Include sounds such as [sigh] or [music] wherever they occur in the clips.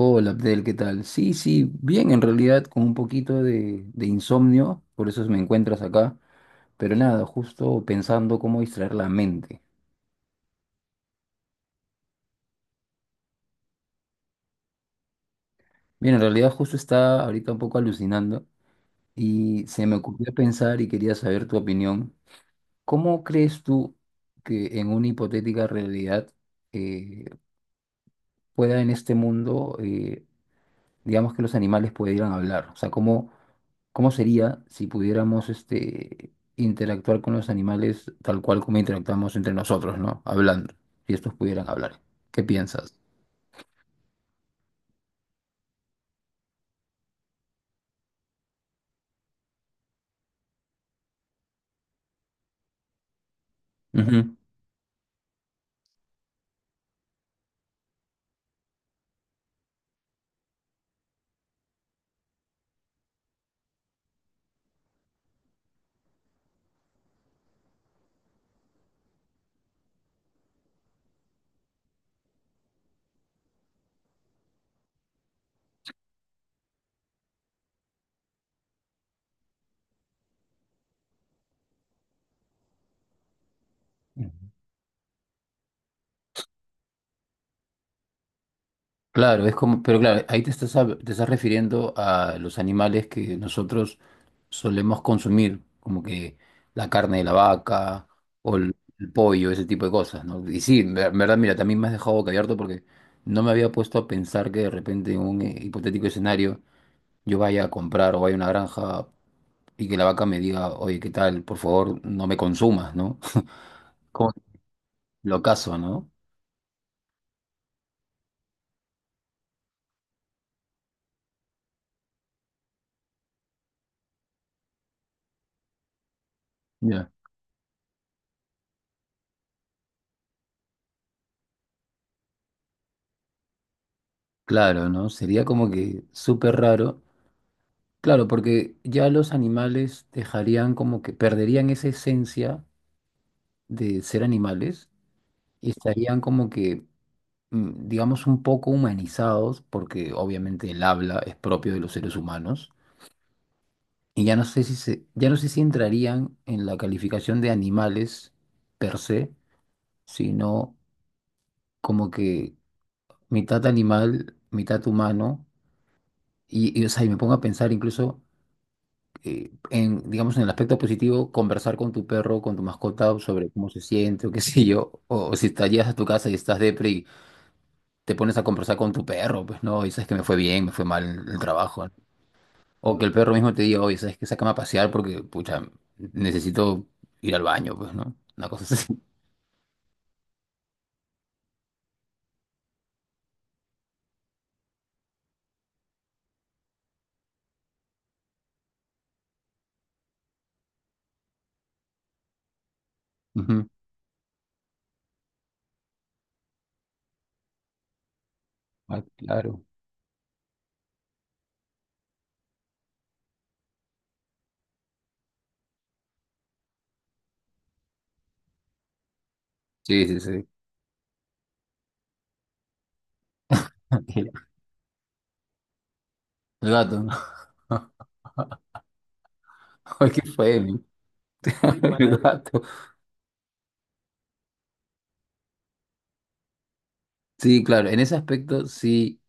Hola Abdel, ¿qué tal? Sí, sí, bien, en realidad con un poquito de insomnio, por eso me encuentras acá, pero nada, justo pensando cómo distraer la mente. Bien, en realidad justo está ahorita un poco alucinando y se me ocurrió pensar y quería saber tu opinión. ¿Cómo crees tú que en una hipotética realidad eh, pueda en este mundo, digamos que los animales pudieran hablar? O sea, ¿cómo sería si pudiéramos este, interactuar con los animales tal cual como interactuamos entre nosotros, ¿no? Hablando, si estos pudieran hablar. ¿Qué piensas? Ujú. Ujú. Claro, es como, pero claro, ahí te estás, te estás refiriendo a los animales que nosotros solemos consumir, como que la carne de la vaca o el pollo, ese tipo de cosas, ¿no? Y sí, en verdad, mira, también me has dejado boquiabierto porque no me había puesto a pensar que de repente en un hipotético escenario yo vaya a comprar o vaya a una granja y que la vaca me diga, oye, ¿qué tal? Por favor, no me consumas, ¿no? [laughs] Como lo caso, ¿no? Ya. Claro, ¿no? Sería como que súper raro. Claro, porque ya los animales dejarían como que perderían esa esencia de ser animales y estarían como que, digamos, un poco humanizados, porque obviamente el habla es propio de los seres humanos. Y ya no sé si entrarían en la calificación de animales per se, sino como que mitad animal, mitad humano, o sea, y me pongo a pensar incluso digamos, en el aspecto positivo, conversar con tu perro, con tu mascota sobre cómo se siente o qué [laughs] sé yo, o si te llegas a tu casa y estás depre y te pones a conversar con tu perro, pues no, y sabes que me fue bien, me fue mal el trabajo, ¿no? O que el perro mismo te diga, oye, sabes que sácame a pasear porque, pucha, necesito ir al baño, pues, ¿no? Una cosa así. [laughs] Ujú. Ah, claro. Sí, sí, sí. [laughs] El gato, ¿no? [laughs] ¿Qué fue? [laughs] El Igual. Gato. Sí, claro, en ese aspecto sí,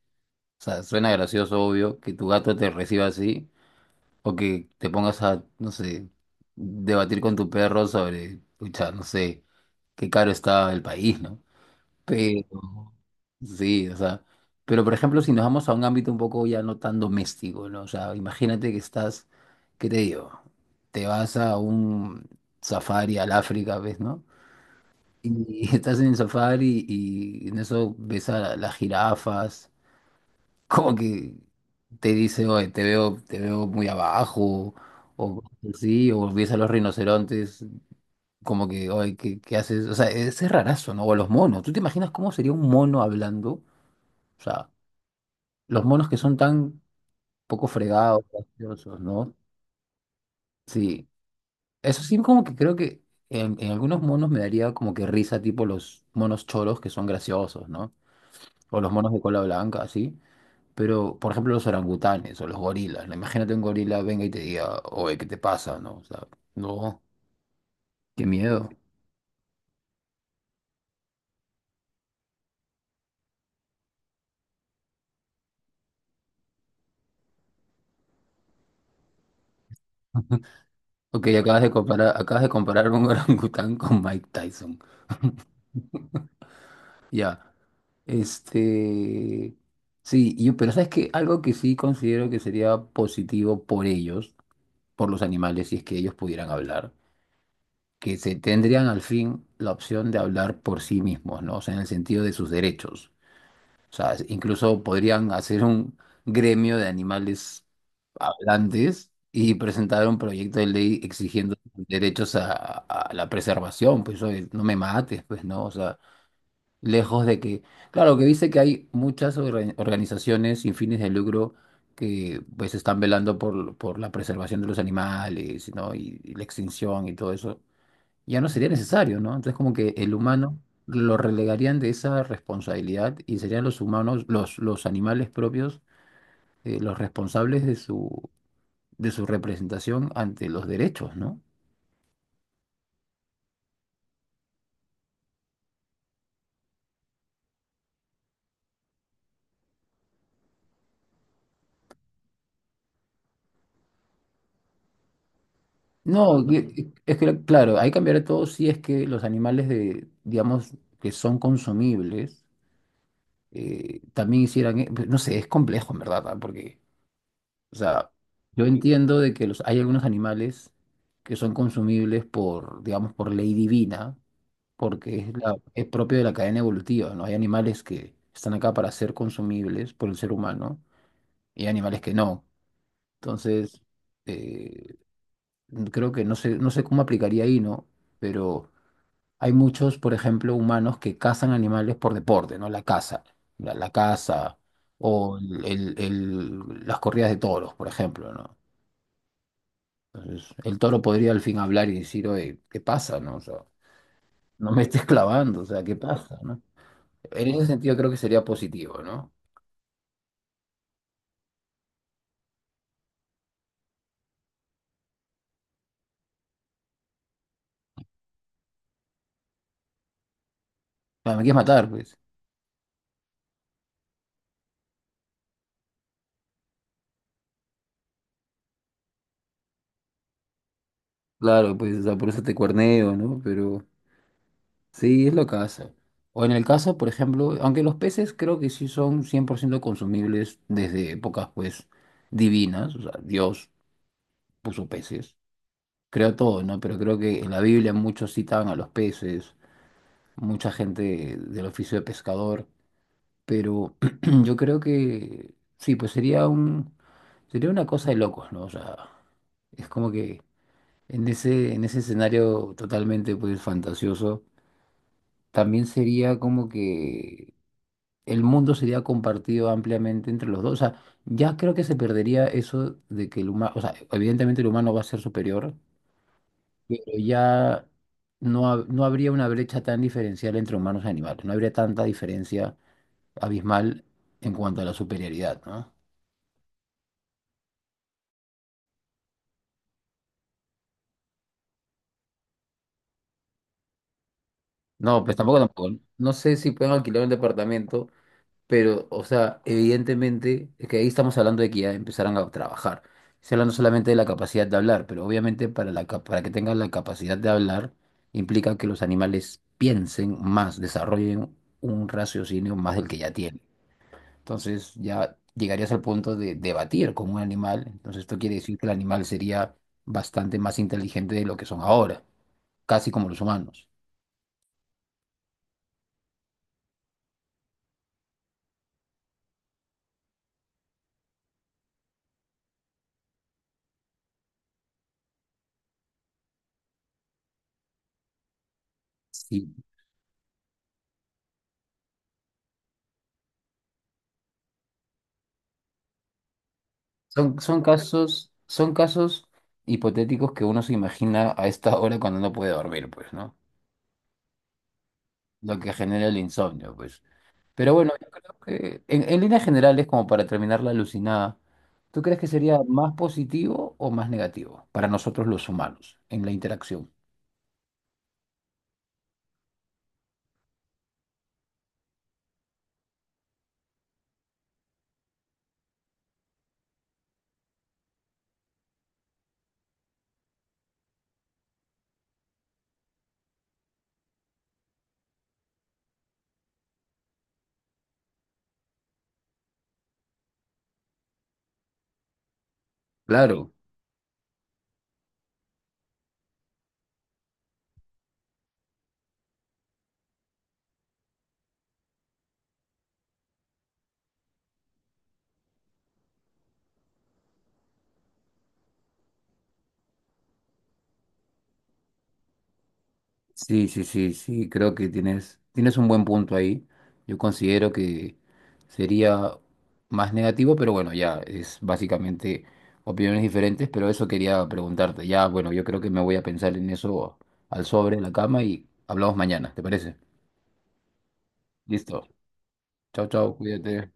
o sea, suena gracioso, obvio, que tu gato te reciba así, o que te pongas a, no sé, debatir con tu perro sobre, pucha, no sé, qué caro está el país, ¿no? Pero, sí, o sea, pero por ejemplo, si nos vamos a un ámbito un poco ya no tan doméstico, ¿no? O sea, imagínate que estás, ¿qué te digo? Te vas a un safari al África, ¿ves, no? Y [laughs] estás en el safari y en eso ves a las jirafas, [laughs] como que te dice, oye, te veo muy abajo, o sí, o ves a los rinocerontes, como que, oye, ¿qué haces? O sea, es rarazo, ¿no? O los monos. ¿Tú te imaginas cómo sería un mono hablando? O sea, los monos que son tan poco fregados, graciosos, ¿no? Sí. Eso sí, como que creo que en algunos monos me daría como que risa, tipo los monos choros que son graciosos, ¿no? O los monos de cola blanca, así. Pero, por ejemplo, los orangutanes o los gorilas, ¿no? Imagínate un gorila venga y te diga, oye, ¿qué te pasa? No, o sea, no, qué miedo. Ok, acabas de comparar un [laughs] orangután con Mike Tyson. Ya. Este. Sí, yo, pero ¿sabes qué? Algo que sí considero que sería positivo por ellos, por los animales, si es que ellos pudieran hablar, que se tendrían al fin la opción de hablar por sí mismos, ¿no? O sea, en el sentido de sus derechos. O sea, incluso podrían hacer un gremio de animales hablantes y presentar un proyecto de ley exigiendo derechos a la preservación, pues oye, no me mates, pues no, o sea, lejos de que, claro, que dice que hay muchas organizaciones sin fines de lucro que pues están velando por la preservación de los animales, ¿no? Y la extinción y todo eso ya no sería necesario, ¿no? Entonces como que el humano lo relegarían de esa responsabilidad y serían los humanos, los animales propios, los responsables de su representación ante los derechos, ¿no? No, es que claro, ahí cambiará todo si es que los animales de, digamos, que son consumibles, también hicieran, no sé, es complejo, en verdad, ¿ah? Porque, o sea, yo entiendo de que los, hay algunos animales que son consumibles por, digamos, por ley divina, porque es, es propio de la cadena evolutiva, ¿no? Hay animales que están acá para ser consumibles por el ser humano y hay animales que no. Entonces, eh, creo que no sé, no sé cómo aplicaría ahí, ¿no? Pero hay muchos, por ejemplo, humanos que cazan animales por deporte, ¿no? La caza, la caza o las corridas de toros, por ejemplo, ¿no? Entonces, el toro podría al fin hablar y decir, oye, ¿qué pasa, no? O sea, no me estés clavando, o sea, ¿qué pasa, no? En ese sentido creo que sería positivo, ¿no? Ah, me quieres matar, pues. Claro, pues, o sea, por eso te cuerneo, ¿no? Pero sí, es lo que hace. O en el caso, por ejemplo, aunque los peces creo que sí son 100% consumibles desde épocas, pues, divinas, o sea, Dios puso peces, creo todo, ¿no? Pero creo que en la Biblia muchos citaban a los peces, mucha gente del oficio de pescador, pero [clears throat] yo creo que sí, pues sería un, sería una cosa de locos, ¿no? O sea, es como que en ese, en ese escenario totalmente pues fantasioso, también sería como que el mundo sería compartido ampliamente entre los dos. O sea, ya creo que se perdería eso de que el humano, o sea, evidentemente el humano va a ser superior, pero ya no, no habría una brecha tan diferencial entre humanos y animales, no habría tanta diferencia abismal en cuanto a la superioridad, ¿no? No, pues tampoco, tampoco. No sé si pueden alquilar un departamento. Pero, o sea, evidentemente, es que ahí estamos hablando de que ya empezarán a trabajar. Estoy hablando solamente de la capacidad de hablar, pero obviamente para la, para que tengan la capacidad de hablar implica que los animales piensen más, desarrollen un raciocinio más del que ya tienen. Entonces ya llegarías al punto de debatir con un animal. Entonces esto quiere decir que el animal sería bastante más inteligente de lo que son ahora, casi como los humanos. Sí. Son casos hipotéticos que uno se imagina a esta hora cuando no puede dormir, pues, ¿no? Lo que genera el insomnio, pues. Pero bueno, yo creo que en líneas generales, como para terminar la alucinada, ¿tú crees que sería más positivo o más negativo para nosotros los humanos en la interacción? Claro. Sí, sí, sí, sí, creo que tienes un buen punto ahí. Yo considero que sería más negativo, pero bueno, ya es básicamente opiniones diferentes, pero eso quería preguntarte. Ya, bueno, yo creo que me voy a pensar en eso al sobre, en la cama y hablamos mañana, ¿te parece? Listo. Chao, chao, cuídate.